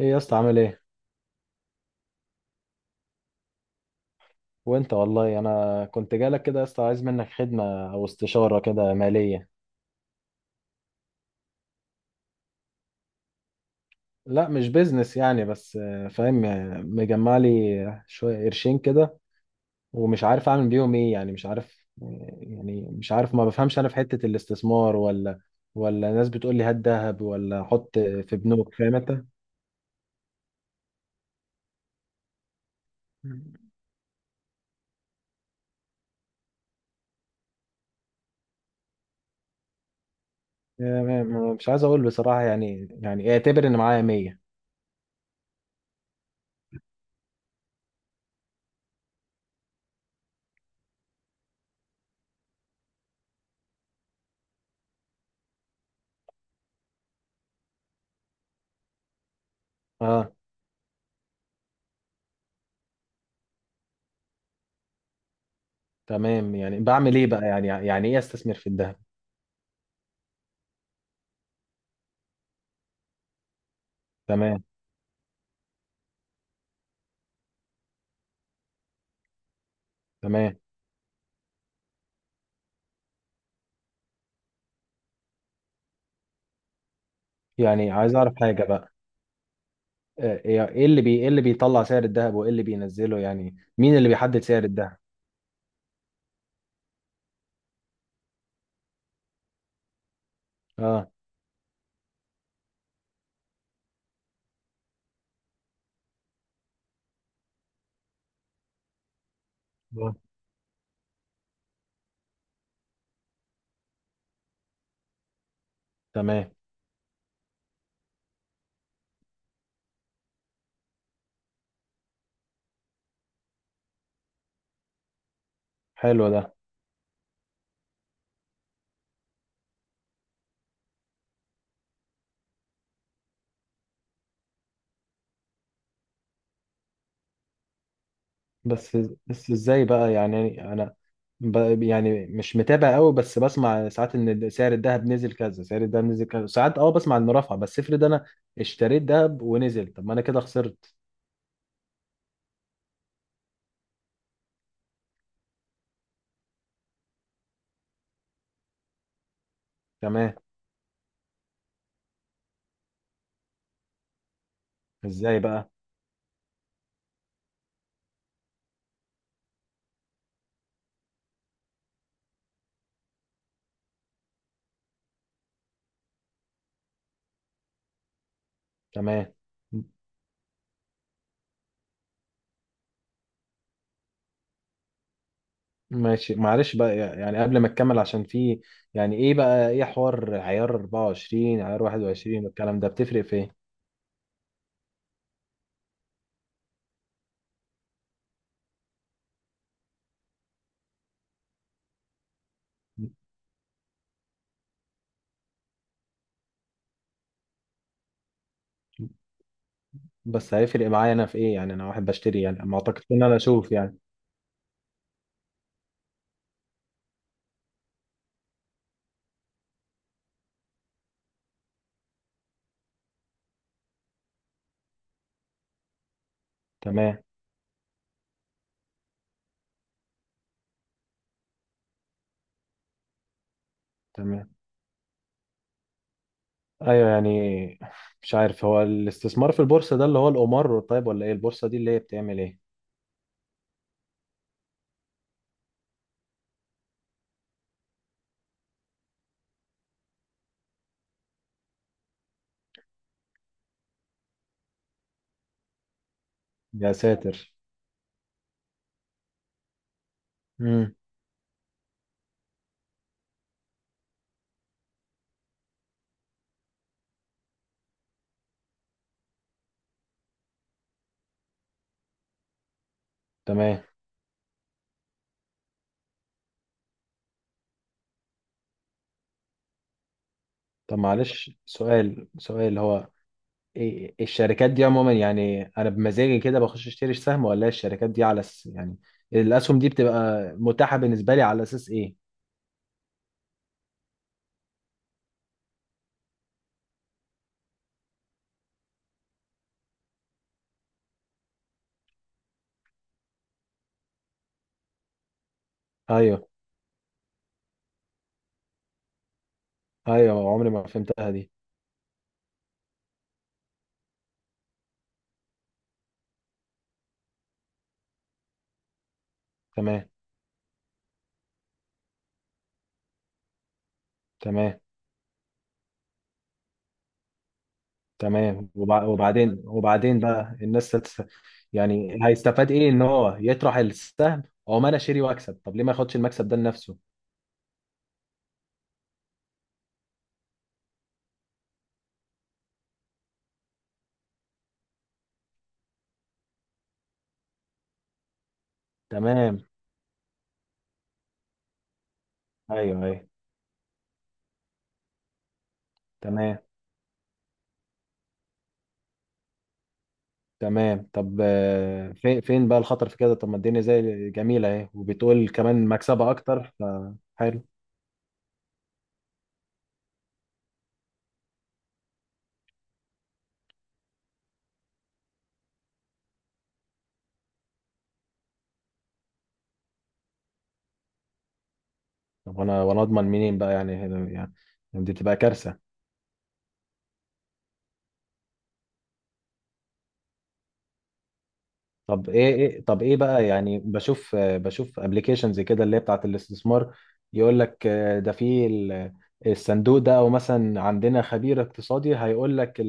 ايه يا اسطى عامل ايه؟ وانت والله انا كنت جالك كده يا اسطى، عايز منك خدمه او استشاره كده ماليه. لا مش بيزنس يعني بس آه، فاهم، مجمع لي شويه قرشين كده ومش عارف اعمل بيهم ايه. مش عارف، ما بفهمش انا في حته الاستثمار ولا ناس بتقول لي هات ذهب ولا حط في بنوك، فاهم انت؟ مش عايز اقول بصراحه، يعني يعني اعتبر ان معايا 100. اه تمام. يعني بعمل ايه بقى؟ يعني ايه استثمر في الذهب؟ تمام. تمام. يعني عايز اعرف حاجه بقى. ايه اللي بيطلع سعر الذهب وايه اللي بينزله؟ يعني مين اللي بيحدد سعر الذهب؟ اه. آه. تمام. حلو ده. بس بس ازاي بقى؟ يعني مش متابع قوي، بس بسمع ساعات ان سعر الذهب نزل كذا، سعر الذهب نزل كذا، ساعات اه بسمع انه رفع. بس افرض انا اشتريت ذهب ونزل، طب ما انا كده خسرت. تمام. ازاي بقى؟ تمام. ماشي معلش بقى، يعني قبل ما تكمل عشان في، يعني ايه بقى ايه حوار عيار 24 عيار 21 والكلام ده؟ بتفرق في ايه؟ بس هيفرق معايا انا في ايه؟ يعني انا واحد بشتري، يعني ما اعتقدش ان انا اشوف يعني. تمام. تمام. ايوه يعني، مش عارف، هو الاستثمار في البورصة ده اللي هو القمار؟ طيب ولا ايه البورصة دي اللي هي بتعمل ايه؟ يا ساتر. امم تمام. طب معلش سؤال، هو الشركات دي عموما، يعني انا بمزاجي كده بخش اشتري سهم؟ ولا الشركات دي على يعني الاسهم دي بتبقى متاحة بالنسبة لي على اساس ايه؟ ايوه ايوه عمري ما فهمتها دي. تمام. تمام. تمام وبعدين بقى الناس يعني هيستفاد ايه ان هو يطرح السهم او ما انا اشتري واكسب؟ طب ليه ما ياخدش المكسب ده لنفسه؟ تمام. ايوه. تمام. تمام. طب فين بقى الخطر في كده؟ طب ما الدنيا زي جميلة اهي، وبتقول كمان مكسبها اكتر، فحلو. طب وانا اضمن منين بقى؟ يعني دي بتبقى كارثة. طب ايه بقى؟ يعني بشوف، بشوف ابلكيشنز كده اللي هي بتاعت الاستثمار، يقول لك ده في الصندوق ده، او مثلا عندنا خبير اقتصادي هيقول لك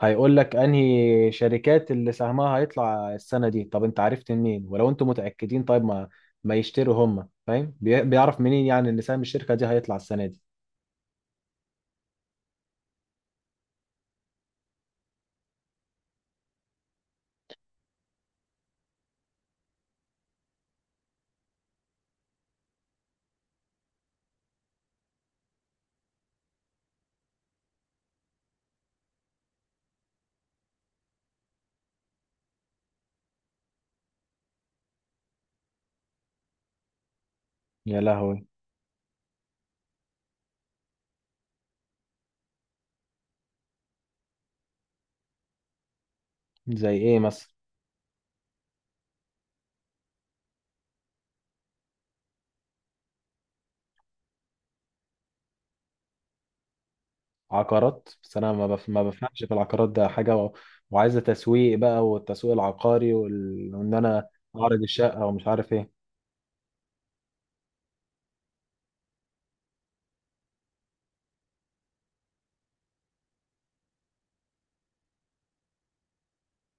هيقول لك انهي شركات اللي سهمها هيطلع السنه دي. طب انت عرفت منين؟ ولو انتم متاكدين طيب ما يشتروا هم، فاهم؟ بيعرف منين يعني ان سهم الشركه دي هيطلع السنه دي؟ يا لهوي. زي ايه مثلا؟ عقارات؟ بس انا ما، ما بفهمش في العقارات ده حاجه، وعايزه تسويق بقى، والتسويق العقاري وان انا اعرض الشقه ومش عارف ايه.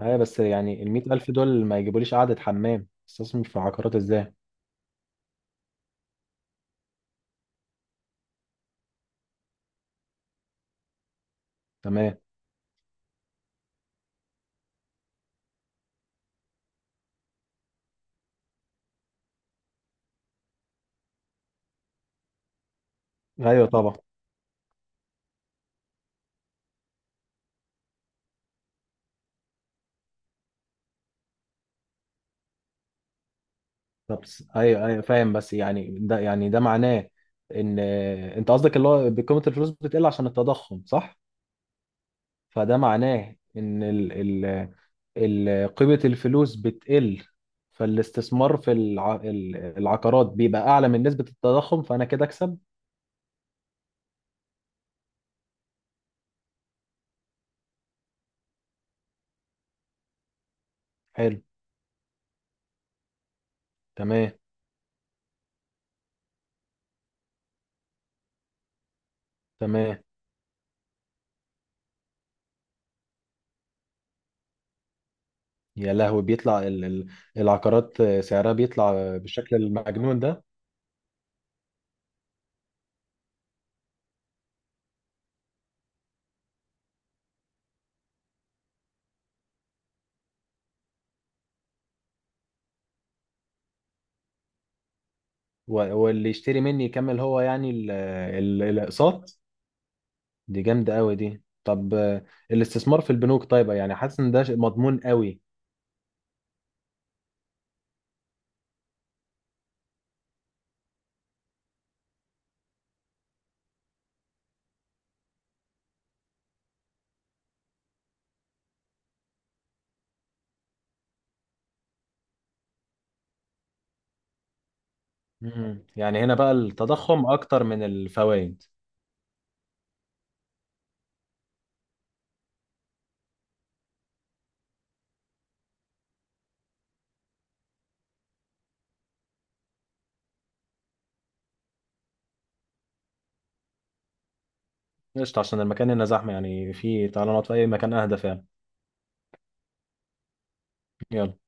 ايوه بس يعني ال 100,000 دول ما يجيبوليش قعده حمام، استثمر في عقارات ازاي؟ تمام. ايوه طبعا. ايوه، فاهم، بس يعني ده، يعني ده معناه ان انت قصدك اللي هو قيمه الفلوس بتقل عشان التضخم، صح؟ فده معناه ان ال ال ال قيمه الفلوس بتقل، فالاستثمار في العقارات بيبقى اعلى من نسبه التضخم، فانا كده اكسب. حلو. تمام. تمام. يا لهوي، بيطلع ال ال العقارات سعرها بيطلع بالشكل المجنون ده. واللي يشتري مني يكمل هو يعني الاقساط. دي جامدة قوي دي. طب الاستثمار في البنوك طيب؟ يعني حاسس ان ده شيء مضمون قوي. مم. يعني هنا بقى التضخم اكتر من الفوائد. قشطة، عشان المكان هنا زحمة يعني، في تعالى نقعد في اي مكان اهدى فعلا. يلا.